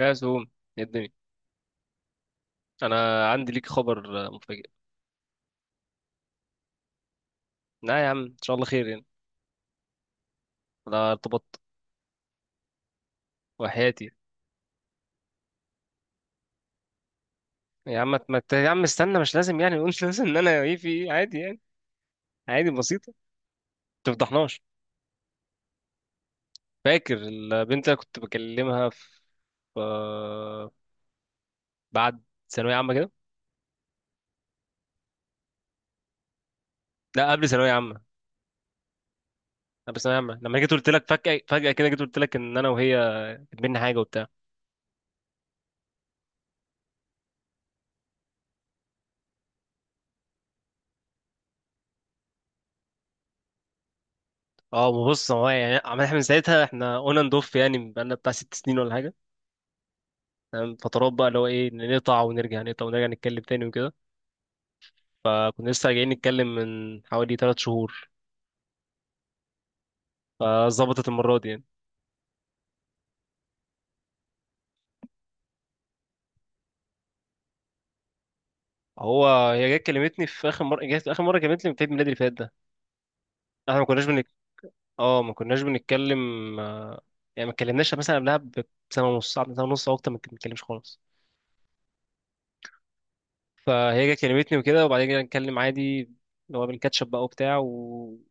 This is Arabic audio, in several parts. يا سوم، يا الدنيا. انا عندي ليك خبر مفاجئ. لا يا عم، ان شاء الله خير يعني. انا ارتبطت وحياتي. يا عم استنى، مش لازم يعني نقول لازم ان انا ايه في ايه، عادي يعني. عادي بسيطه. ما تفضحناش. فاكر البنت اللي كنت بكلمها في آه، بعد ثانويه عامه كده؟ لا، قبل ثانويه عامه. قبل ثانويه عامه، لما جيت قلت لك فجاه، كده جيت قلت لك ان انا وهي بينا حاجه وبتاع. اه، ما بص، هو يعني احنا من ساعتها احنا اون اند اوف يعني، بقالنا بتاع 6 سنين ولا حاجه. تمام، فترات بقى اللي هو ايه، نقطع ونرجع، نقطع ونرجع، نتكلم تاني وكده. فكنا لسه راجعين نتكلم من حوالي 3 شهور. فظبطت المرة دي يعني. هو هي جت كلمتني في اخر مرة، جت اخر مرة كلمتني في عيد ميلادي اللي فات ده. احنا ما كناش اه، ما كناش بنتكلم. آه، يعني ما اتكلمناش مثلا قبلها بسنة ونص، ساعة، سنة ونص او اكتر، ما بنتكلمش خالص. فهي جت كلمتني وكده، وبعدين جينا نتكلم عادي اللي هو بالكاتشب بقى وبتاع وكده.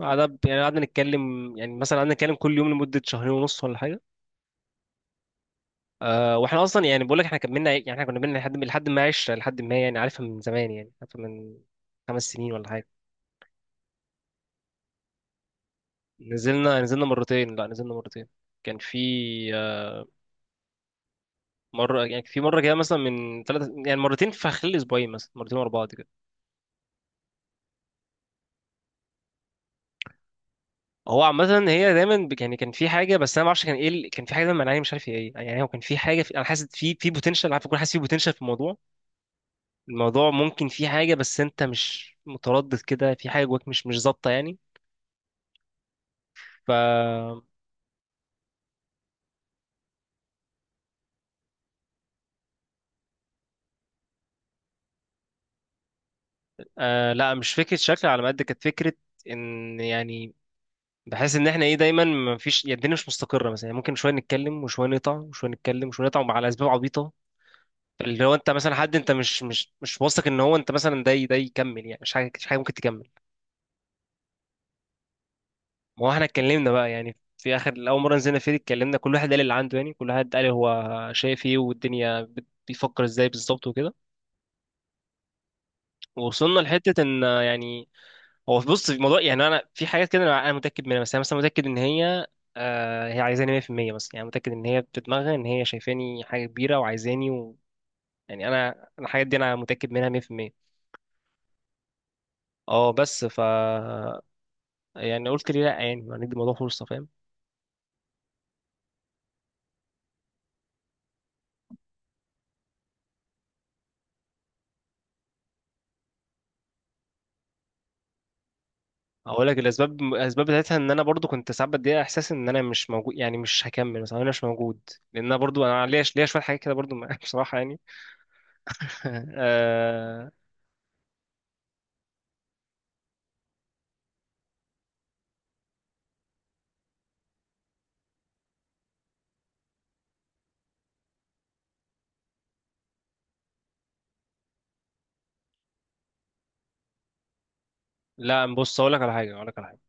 قعدنا يعني، قعدنا نتكلم يعني، مثلا قعدنا نتكلم كل يوم لمدة شهرين ونص ولا حاجة. أه، واحنا اصلا يعني بقول لك احنا كملنا، يعني احنا كنا بينا لحد ما 10، لحد ما يعني، عارفها من زمان يعني، عارفها من 5 سنين ولا حاجه. نزلنا نزلنا مرتين لا نزلنا مرتين. كان في آه، مره يعني، في مره كده مثلا، من ثلاث يعني مرتين في خلال اسبوعين، مثلا مرتين ورا بعض كده. هو عامه هي دايما يعني كان في حاجه، بس انا ما اعرفش كان ايه كان في حاجه دايما مانعني، مش عارف هي ايه يعني، هو كان في حاجه في... انا حاسس في بوتنشال، عارف، بكون حاسس في بوتنشال في الموضوع. الموضوع ممكن في حاجه، بس انت مش متردد كده، في حاجه جواك مش ظابطه يعني. ف لا، مش فكرة شكل على قد كانت فكرة ان يعني، بحس ان احنا ايه دايما ما فيش يعني، الدنيا مش مستقرة مثلا يعني، ممكن شوية نتكلم وشوية نقطع وشوية نتكلم وشوية نقطع على اسباب عبيطة. اللي هو انت مثلا حد، انت مش واثق ان هو انت مثلا ده ده يكمل يعني، مش حاجة، ممكن تكمل. ما هو احنا اتكلمنا بقى يعني، في اول مرة نزلنا فيه اتكلمنا كل واحد قال اللي عنده يعني، كل واحد قال هو شايف ايه، والدنيا بيفكر ازاي بالظبط وكده. ووصلنا لحتة ان يعني، هو بص في الموضوع يعني، انا في حاجات كده انا متاكد منها، بس انا مثلا متاكد ان هي عايزاني 100% مثلا يعني، متاكد ان هي بتدماغها ان هي شايفاني حاجه كبيره وعايزاني و... يعني انا، الحاجات دي انا متاكد منها 100%. اه، بس يعني قلت ليه لا يعني، ما ندي الموضوع فرصه، فاهم. اقول لك، الاسباب بتاعتها ان انا برضو كنت ساعات بدي احساس ان انا مش موجود، يعني مش هكمل، مثلا انا مش موجود، لان انا برضو انا ليا شويه حاجات كده برضو بصراحه يعني. آه، لا بص اقول لك على حاجه، اقول لك على حاجه.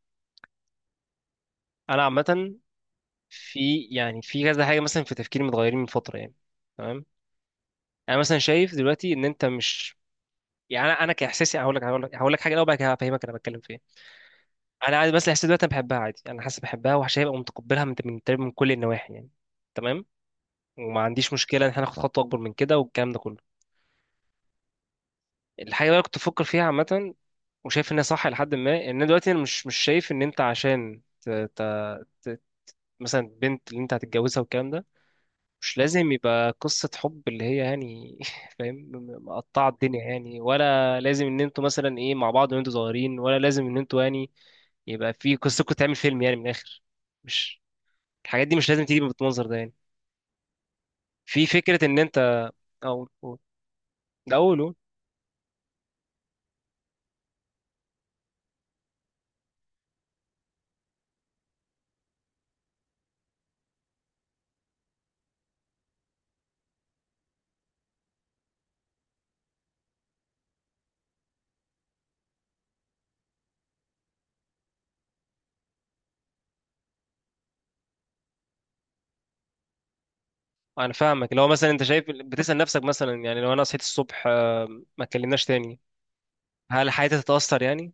انا عامه في يعني، في كذا حاجه مثلا، في تفكيري متغيرين من فتره يعني. تمام، انا مثلا شايف دلوقتي ان انت مش، يعني انا، كاحساسي هقول لك، حاجه الاول، بعد كده هفهمك انا بتكلم في ايه. انا عادي، بس الاحساس دلوقتي انا بحبها عادي، انا حاسس بحبها وهبقى متقبلها من تقريباً من كل النواحي يعني. تمام، وما عنديش مشكله ان احنا ناخد خطوه اكبر من كده والكلام ده كله. الحاجه اللي انا كنت بفكر فيها عامه وشايف انها صح، لحد ما ان أنا دلوقتي انا مش شايف ان انت عشان ت... مثلا بنت اللي انت هتتجوزها والكلام ده مش لازم يبقى قصة حب اللي هي يعني فاهم، مقطعة الدنيا يعني. ولا لازم ان انتوا مثلا ايه مع بعض وانتوا صغيرين، ولا لازم ان انتوا يعني يبقى في قصتكم تعمل فيلم يعني، من الاخر. مش الحاجات دي مش لازم تيجي بالمنظر ده يعني. في فكرة ان انت، او أو- الاول أهو، انا فاهمك. لو مثلا انت شايف، بتسأل نفسك مثلا، يعني لو انا صحيت الصبح ما اتكلمناش تاني، هل حياتي تتأثر يعني.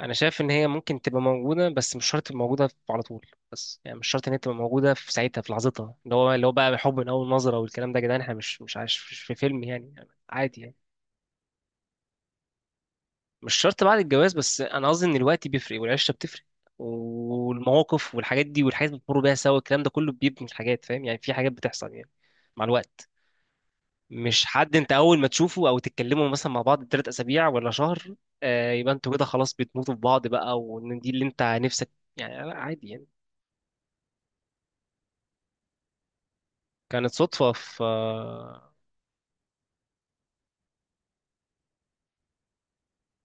انا شايف ان هي ممكن تبقى موجوده، بس مش شرط تبقى موجوده على طول، بس يعني مش شرط ان هي تبقى موجوده في ساعتها، في لحظتها، اللي هو بقى حب من اول نظره والكلام ده. يا جدعان احنا مش عايش، مش في فيلم يعني، عادي يعني. مش شرط بعد الجواز، بس انا قصدي ان الوقت بيفرق، والعشره بتفرق، والمواقف والحاجات دي والحاجات اللي بتمر بيها سوا، الكلام ده كله بيبني الحاجات، فاهم يعني، في حاجات بتحصل يعني مع الوقت. مش حد انت اول ما تشوفه او تتكلموا مثلا مع بعض 3 اسابيع ولا شهر يبقى انتوا كده خلاص بتموتوا في بعض بقى، وان دي اللي انت نفسك يعني. لا، عادي يعني. كانت صدفة في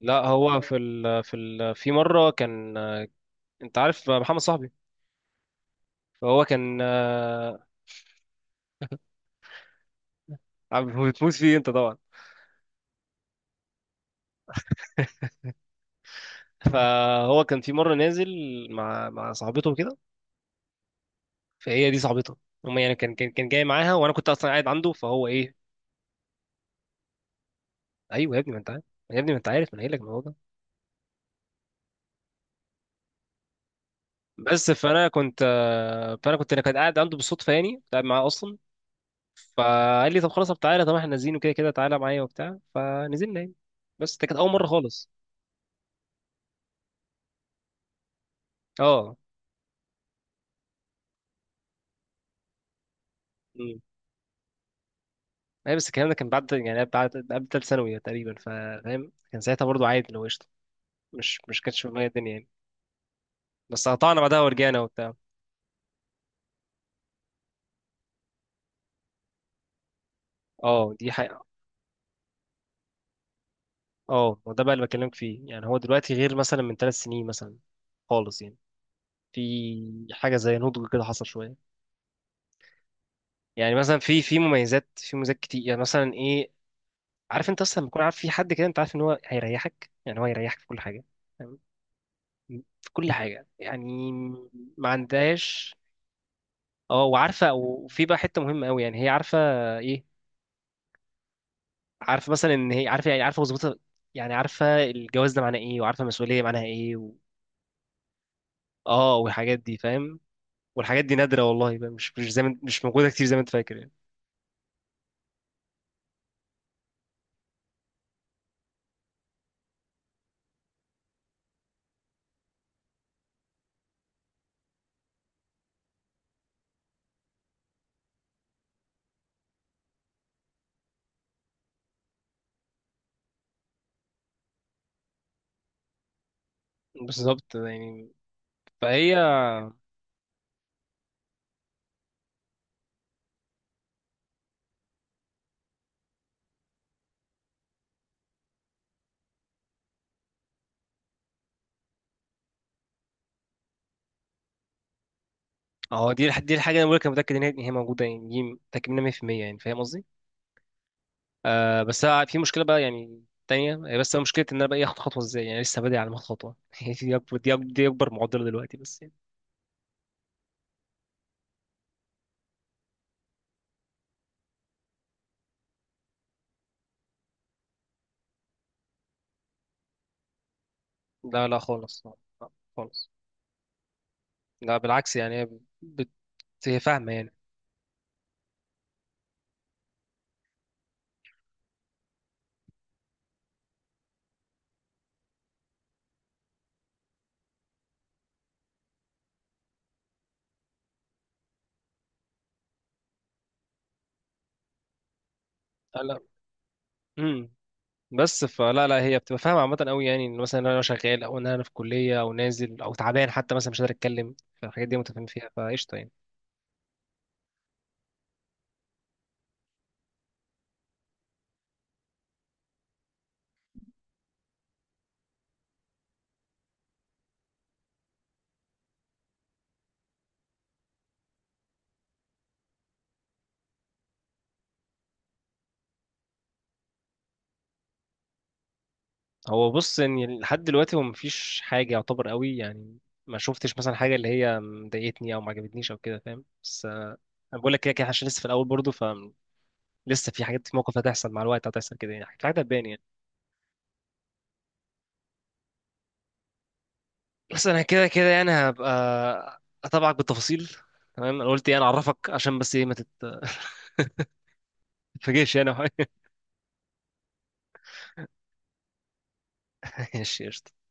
لا هو في ال... في ال... في مرة كان، انت عارف محمد صاحبي. فهو كان بتموت فيه انت طبعا. فهو كان في مرة نازل مع صاحبته كده، فهي دي صاحبته. هما يعني كان، جاي معاها وانا كنت اصلا قاعد عنده، فهو ايه. ايوه يا ابني ما انت عارف، يا ابني ما انت عارف، ما انا قايل لك الموضوع ده. بس فانا كنت آه، فانا كنت انا كنت قاعد عنده بالصدفة يعني، كنت قاعد معاه اصلا. فقال لي طب خلاص، طب تعالى، طب احنا نازلين وكده كده، تعالى معايا وبتاع، فنزلنا يعني. بس ده كانت اول مرة خالص. اه. مم. اي، بس الكلام ده كان بعد يعني، قبل تالت ثانوي تقريبا، فاهم. كان ساعتها برضو عادي لو قشطه، مش كانتش في دماغي الدنيا يعني. بس قطعنا بعدها ورجعنا وبتاع. اه، دي حقيقة. اه، وده بقى اللي بكلمك فيه يعني، هو دلوقتي غير مثلا من 3 سنين مثلا، خالص يعني. في حاجة زي نضج كده حصل شوية. يعني مثلا، في مميزات كتير يعني، مثلا ايه؟ عارف انت اصلا لما تكون عارف في حد كده، انت عارف ان هو هيريحك، يعني هو هيريحك في كل حاجة. فاهم؟ في كل حاجة يعني. ما عندهاش. اه، وعارفه. وفي بقى حته مهمه قوي يعني، هي عارفه ايه، عارفه مثلا ان هي عارفه يعني، عارفه وظيفتها. يعني عارفه الجواز ده معناه ايه، وعارفه المسؤوليه معناها ايه و... اه، والحاجات دي فاهم. والحاجات دي نادره والله بقى، مش زي ما، مش موجوده كتير زي ما انت فاكر يعني. بالظبط يعني. فهي، اه دي الحاجه انا بقولك، انا متاكد ان هي، إن هي موجوده يعني، دي متاكد منها 100%. يعني فاهم قصدي. آه، بس أنا في مشكله بقى يعني، تانية هي، بس مشكلة إن أنا بقى إيه، آخد خطوة إزاي يعني، لسه بادئ على ما آخد خطوة. هي دي أكبر، معضلة دلوقتي بس يعني. لا، لا خالص، لا. لا خالص. لا. بالعكس يعني، هي بت... هي فاهمة يعني. لا. امم. بس فلا لا هي بتبقى فاهمة عامة قوي يعني، ان مثلا انا شغال، او ان انا في كلية، او نازل، او تعبان حتى مثلا مش قادر اتكلم. فالحاجات دي متفاهم فيها، فقشطة يعني. هو بص ان لحد دلوقتي هو مفيش حاجة يعتبر قوي يعني، ما شفتش مثلا حاجة اللي هي مضايقتني او ما عجبتنيش او كده، فاهم؟ بس انا بقول لك كده كده عشان لسه في الاول برضه، فلسه في حاجات، في موقف هتحصل مع الوقت، هتحصل كده يعني، في حاجات هتبان يعني. بس انا كده كده يعني، هبقى اتابعك بالتفاصيل. تمام، انا قلت يعني اعرفك، عشان بس ايه، ما تت- ما تتفاجئش يعني، أو حاجة. ماشي قشطة.